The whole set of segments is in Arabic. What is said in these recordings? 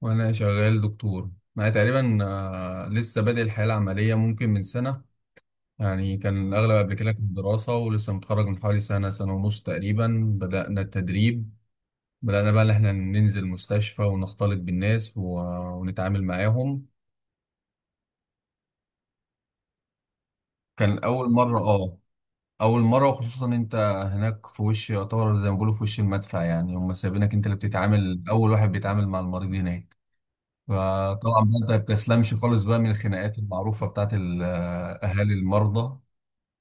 وانا شغال دكتور. انا تقريبا لسه بادئ الحياه العمليه ممكن من سنه. يعني كان الاغلب قبل كده كانت دراسه ولسه متخرج من حوالي سنه، سنه ونص تقريبا بدانا التدريب. بدانا بقى ان احنا ننزل مستشفى ونختلط بالناس ونتعامل معاهم. كان اول مره، اه اول مره. وخصوصا انت هناك في وش، يعتبر زي ما بيقولوا في وش المدفع، يعني هم سايبينك انت اللي بتتعامل، اول واحد بيتعامل مع المريض هناك. فطبعا بقى انت ما بتسلمش خالص بقى من الخناقات المعروفة بتاعت أهالي المرضى.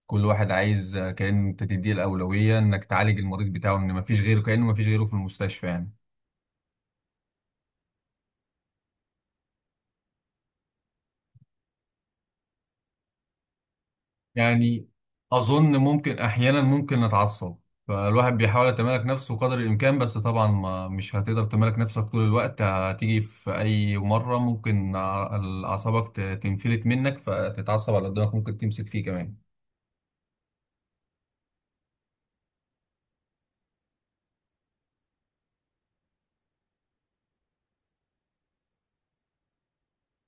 كل واحد عايز كأن انت تديه الأولوية انك تعالج المريض بتاعه، ان ما فيش غيره، كأنه ما فيش غيره في المستشفى يعني. يعني أظن ممكن أحيانا نتعصب. فالواحد بيحاول يتمالك نفسه قدر الإمكان، بس طبعا ما مش هتقدر تمالك نفسك طول الوقت، هتيجي في أي مرة ممكن أعصابك تنفلت منك فتتعصب على اللي قدامك، ممكن تمسك فيه كمان.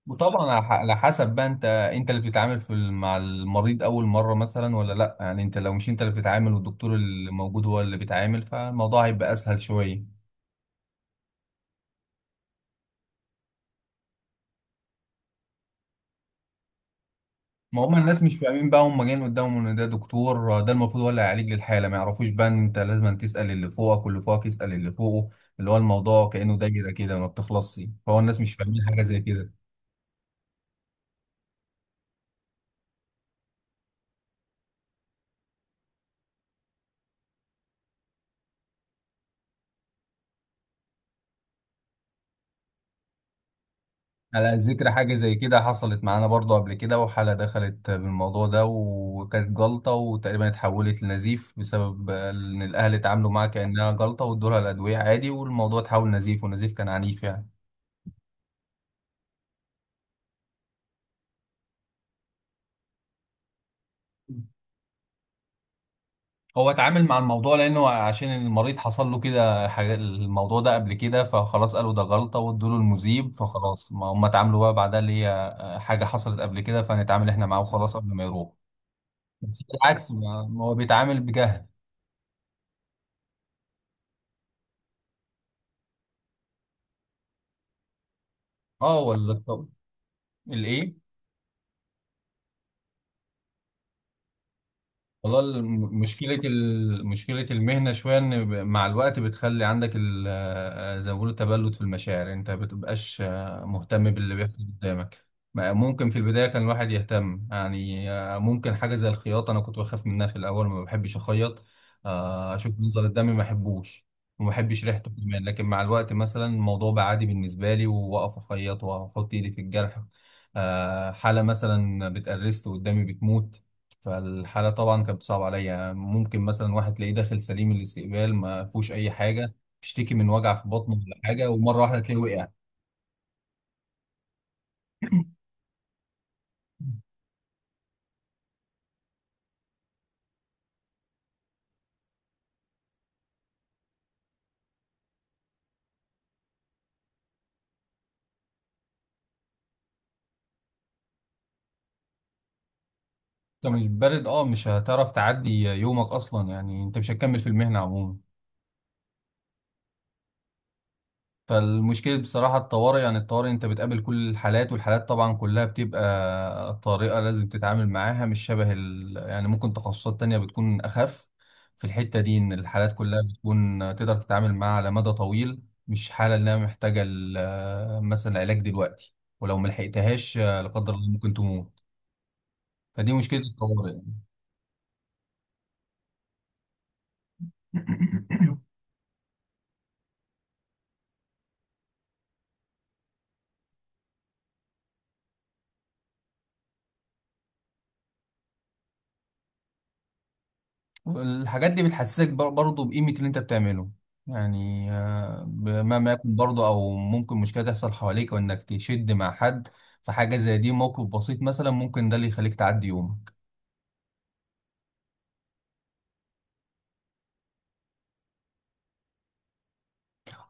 وطبعا على على حسب بقى، انت اللي بتتعامل في مع المريض اول مره مثلا ولا لا. يعني انت لو مش انت اللي بتتعامل والدكتور اللي موجود هو اللي بيتعامل، فالموضوع هيبقى اسهل شويه. ما هم الناس مش فاهمين بقى، هم جايين قدامهم ان ده دكتور، ده المفروض هو اللي هيعالج للحاله، ما يعرفوش بقى ان انت لازم تسال اللي فوقك واللي فوقك يسال اللي فوقه، اللي هو الموضوع كانه دايره كده ما بتخلصش، فهو الناس مش فاهمين حاجه زي كده. على ذكر حاجة زي كده، حصلت معانا برضو قبل كده، وحالة دخلت بالموضوع ده وكانت جلطة وتقريبا اتحولت لنزيف بسبب إن الأهل اتعاملوا معاها كأنها جلطة وادولها الأدوية عادي، والموضوع اتحول نزيف، ونزيف كان عنيف يعني. هو اتعامل مع الموضوع لأنه عشان المريض حصل له كده حاجة، الموضوع ده قبل كده، فخلاص قالوا ده جلطة وادوله المذيب، فخلاص ما هم اتعاملوا بقى بعدها اللي هي حاجة حصلت قبل كده، فنتعامل احنا معاه وخلاص قبل ما يروح. بس بالعكس، ما هو بيتعامل بجهل. اه ولا. الايه؟ والله مشكله مشكله المهنه شويه ان مع الوقت بتخلي عندك زي ما بيقولوا تبلد في المشاعر، انت ما بتبقاش مهتم باللي بيحصل قدامك. ممكن في البدايه كان الواحد يهتم، يعني ممكن حاجه زي الخياطه، انا كنت بخاف منها في الاول، ما بحبش اخيط. اشوف منظر الدم ما احبوش، وما بحبش ريحته كمان. لكن مع الوقت مثلا الموضوع بقى عادي بالنسبه لي، واقف اخيط واحط ايدي في الجرح. حاله مثلا بتقرست قدامي بتموت، فالحالة طبعا كانت صعبة عليا. ممكن مثلا واحد تلاقيه داخل سليم الاستقبال ما فيهوش أي حاجة، بيشتكي من وجع في بطنه ولا حاجة، ومرة واحدة تلاقيه وقع. أنت مش بارد، أه مش هتعرف تعدي يومك أصلا، يعني أنت مش هتكمل في المهنة عموما. فالمشكلة بصراحة الطوارئ، يعني الطوارئ انت بتقابل كل الحالات، والحالات طبعا كلها بتبقى طارئة لازم تتعامل معاها، مش شبه ال... يعني ممكن تخصصات تانية بتكون أخف في الحتة دي، إن الحالات كلها بتكون تقدر تتعامل معاها على مدى طويل، مش حالة إنها محتاجة مثلا علاج دلوقتي ولو ملحقتهاش لا قدر الله ممكن تموت. فدي مشكلة الطوارئ يعني. الحاجات دي بتحسسك برضه بقيمة اللي انت بتعمله. يعني بمهما يكون برضه، او ممكن مشكلة تحصل حواليك وانك تشد مع حد، في حاجة زي دي موقف بسيط مثلا ممكن ده اللي يخليك تعدي يومك.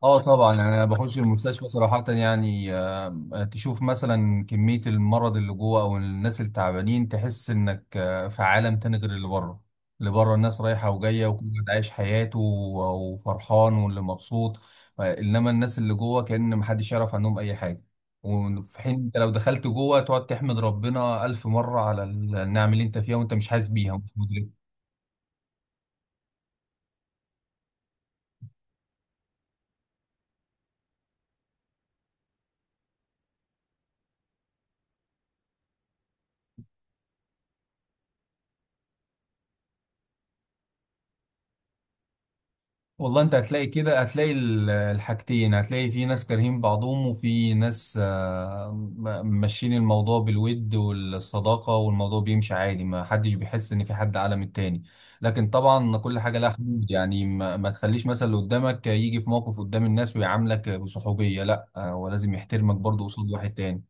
اه طبعا، يعني انا بخش المستشفى صراحة، يعني تشوف مثلا كمية المرض اللي جوه او الناس التعبانين، تحس انك في عالم تاني غير اللي بره. اللي بره الناس رايحة وجاية وكل واحد عايش حياته وفرحان واللي مبسوط. انما الناس اللي جوه كأن محدش يعرف عنهم اي حاجة، وفي حين انت لو دخلت جوه تقعد تحمد ربنا ألف مرة على النعم اللي انت فيها وانت مش حاسس بيها ومش مدرك. والله انت هتلاقي كده، هتلاقي الحاجتين. هتلاقي في ناس كارهين بعضهم، وفي ناس ماشيين الموضوع بالود والصداقة والموضوع بيمشي عادي، ما حدش بيحس ان في حد اعلى من التاني. لكن طبعا كل حاجة لها حدود، يعني ما تخليش مثلا اللي قدامك يجي في موقف قدام الناس ويعاملك بصحوبية، لا هو لازم يحترمك برضه قصاد واحد تاني.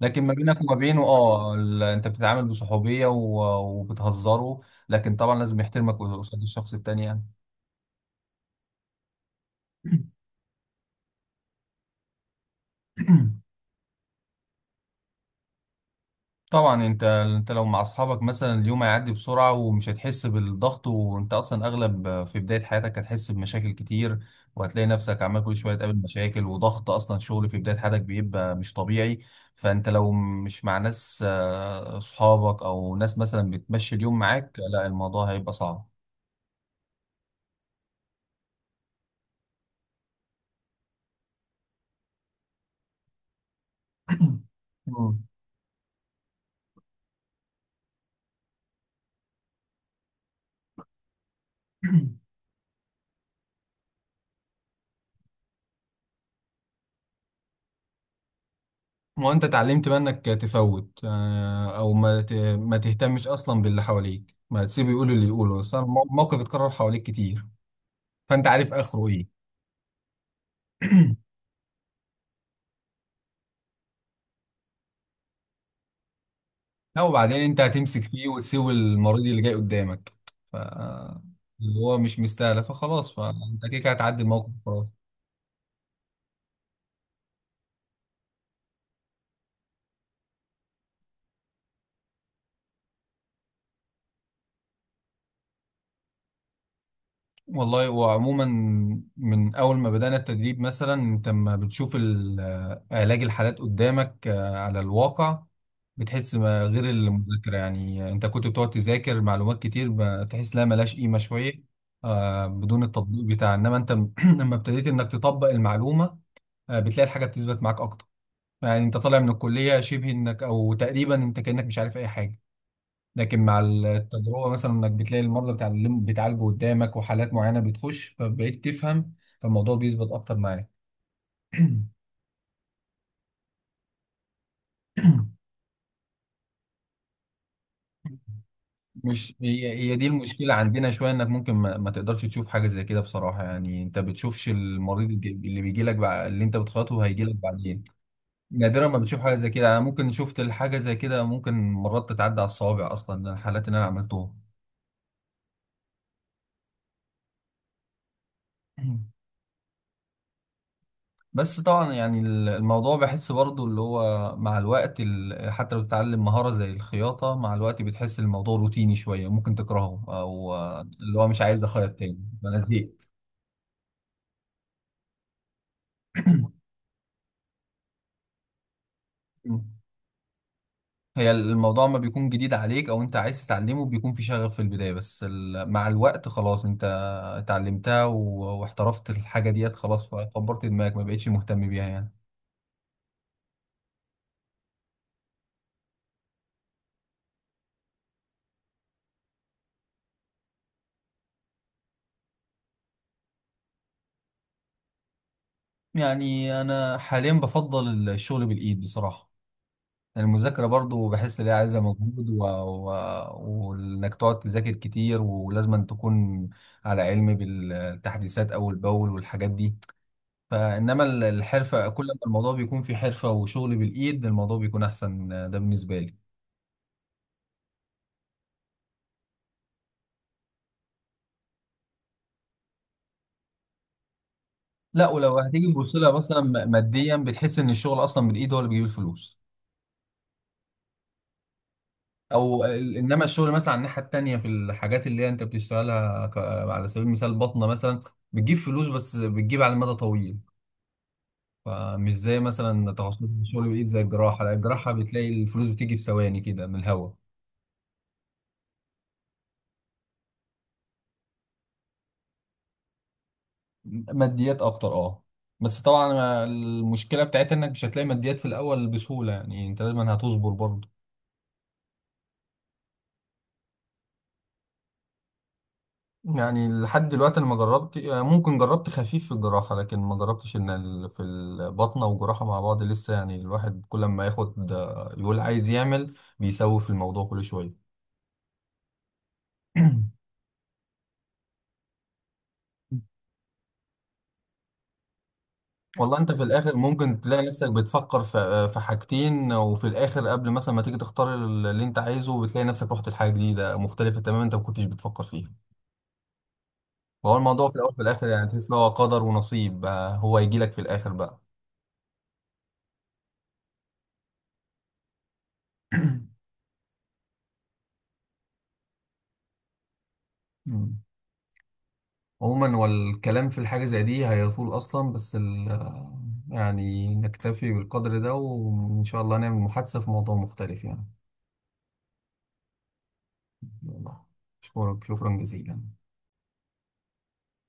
لكن ما بينك وما بينه اه انت بتتعامل بصحوبية وبتهزره، لكن طبعا لازم يحترمك قصاد الشخص التاني يعني. طبعا انت لو مع اصحابك مثلا اليوم هيعدي بسرعه ومش هتحس بالضغط. وانت اصلا اغلب في بدايه حياتك هتحس بمشاكل كتير، وهتلاقي نفسك عمال كل شويه تقابل مشاكل وضغط، اصلا شغل في بدايه حياتك بيبقى مش طبيعي. فانت لو مش مع ناس اصحابك او ناس مثلا بتمشي اليوم معاك، لا الموضوع هيبقى صعب. مم. وانت اتعلمت بقى انك تفوت، آه، او ما ت- ما تهتمش اصلا باللي حواليك، ما تسيبه يقول اللي يقوله. صار موقف اتكرر حواليك كتير، فانت عارف اخره ايه. لا وبعدين انت هتمسك فيه وتسيب المريض اللي جاي قدامك، ف اللي هو مش مستاهله، فخلاص، فانت كده كده هتعدي الموقف خلاص. والله وعموما من اول ما بدانا التدريب مثلا، انت لما بتشوف علاج الحالات قدامك على الواقع، بتحس ما غير المذاكره، يعني انت كنت بتقعد تذاكر معلومات كتير بتحس لها ملهاش قيمه شويه بدون التطبيق بتاعها. انما انت لما ابتديت انك تطبق المعلومه بتلاقي الحاجه بتثبت معاك اكتر. يعني انت طالع من الكلية شبه انك، او تقريبا انت كأنك مش عارف اي حاجة، لكن مع التجربة مثلا انك بتلاقي المرضى بتاع الليمب بتعالجه قدامك وحالات معينة بتخش، فبقيت تفهم، فالموضوع بيثبت اكتر معاك. مش هي دي المشكلة عندنا شوية، انك ممكن ما تقدرش تشوف حاجة زي كده بصراحة. يعني انت بتشوفش المريض اللي بيجي لك بع... اللي انت بتخاطبه هيجي لك بعدين. نادرا ما بتشوف حاجة زي كده، انا ممكن شفت الحاجة زي كده ممكن مرات تتعدى على الصوابع اصلا الحالات اللي انا عملتوها. بس طبعا يعني الموضوع بحس برضو اللي هو مع الوقت حتى لو بتتعلم مهارة زي الخياطة، مع الوقت بتحس الموضوع روتيني شوية ممكن تكرهه أو اللي هو مش عايز أخيط تاني أنا زهقت. مم. هي الموضوع ما بيكون جديد عليك أو أنت عايز تتعلمه بيكون في شغف في البداية، بس مع الوقت خلاص أنت اتعلمتها واحترفت الحاجة ديت خلاص، فكبرت دماغك ما بقتش مهتم بيها يعني. يعني أنا حاليا بفضل الشغل بالإيد بصراحة. المذاكرة برضو بحس إن هي عايزة مجهود و... و... وإنك تقعد تذاكر كتير ولازم أن تكون على علم بالتحديثات أول بأول والحاجات دي. فإنما الحرفة، كل ما الموضوع بيكون في حرفة وشغل بالإيد، الموضوع بيكون أحسن، ده بالنسبة لي. لا ولو هتيجي تبص لها مثلا ماديا، بتحس إن الشغل أصلا بالإيد هو اللي بيجيب الفلوس. أو إنما الشغل مثلا على الناحية التانية في الحاجات اللي هي أنت بتشتغلها ك... على سبيل المثال بطنة مثلا، بتجيب فلوس بس بتجيب على المدى طويل. فمش زي مثلا تخصصات الشغل بالايد زي الجراحه، لا الجراحه بتلاقي الفلوس بتيجي في ثواني كده من الهوا. ماديات اكتر اه. بس طبعا المشكله بتاعتها انك مش هتلاقي ماديات في الاول بسهوله، يعني انت لازم هتصبر برضه. يعني لحد دلوقتي انا ما جربت، ممكن جربت خفيف في الجراحه لكن ما جربتش ان في البطنه والجراحه مع بعض لسه، يعني الواحد كل ما ياخد يقول عايز يعمل بيسوف الموضوع كل شويه. والله انت في الاخر ممكن تلاقي نفسك بتفكر في حاجتين، وفي الاخر قبل مثلا ما تيجي تختار اللي انت عايزه بتلاقي نفسك رحت لحاجه جديده مختلفه تماما انت ما كنتش بتفكر فيها. وهو الموضوع في الاول في الاخر يعني تحس ان هو قدر ونصيب بقى، هو هيجي لك في الاخر بقى. مم. عموما والكلام في الحاجه زي دي هيطول اصلا، بس ال يعني نكتفي بالقدر ده وان شاء الله نعمل محادثه في موضوع مختلف يعني. يلا، شكرا، جزيلا.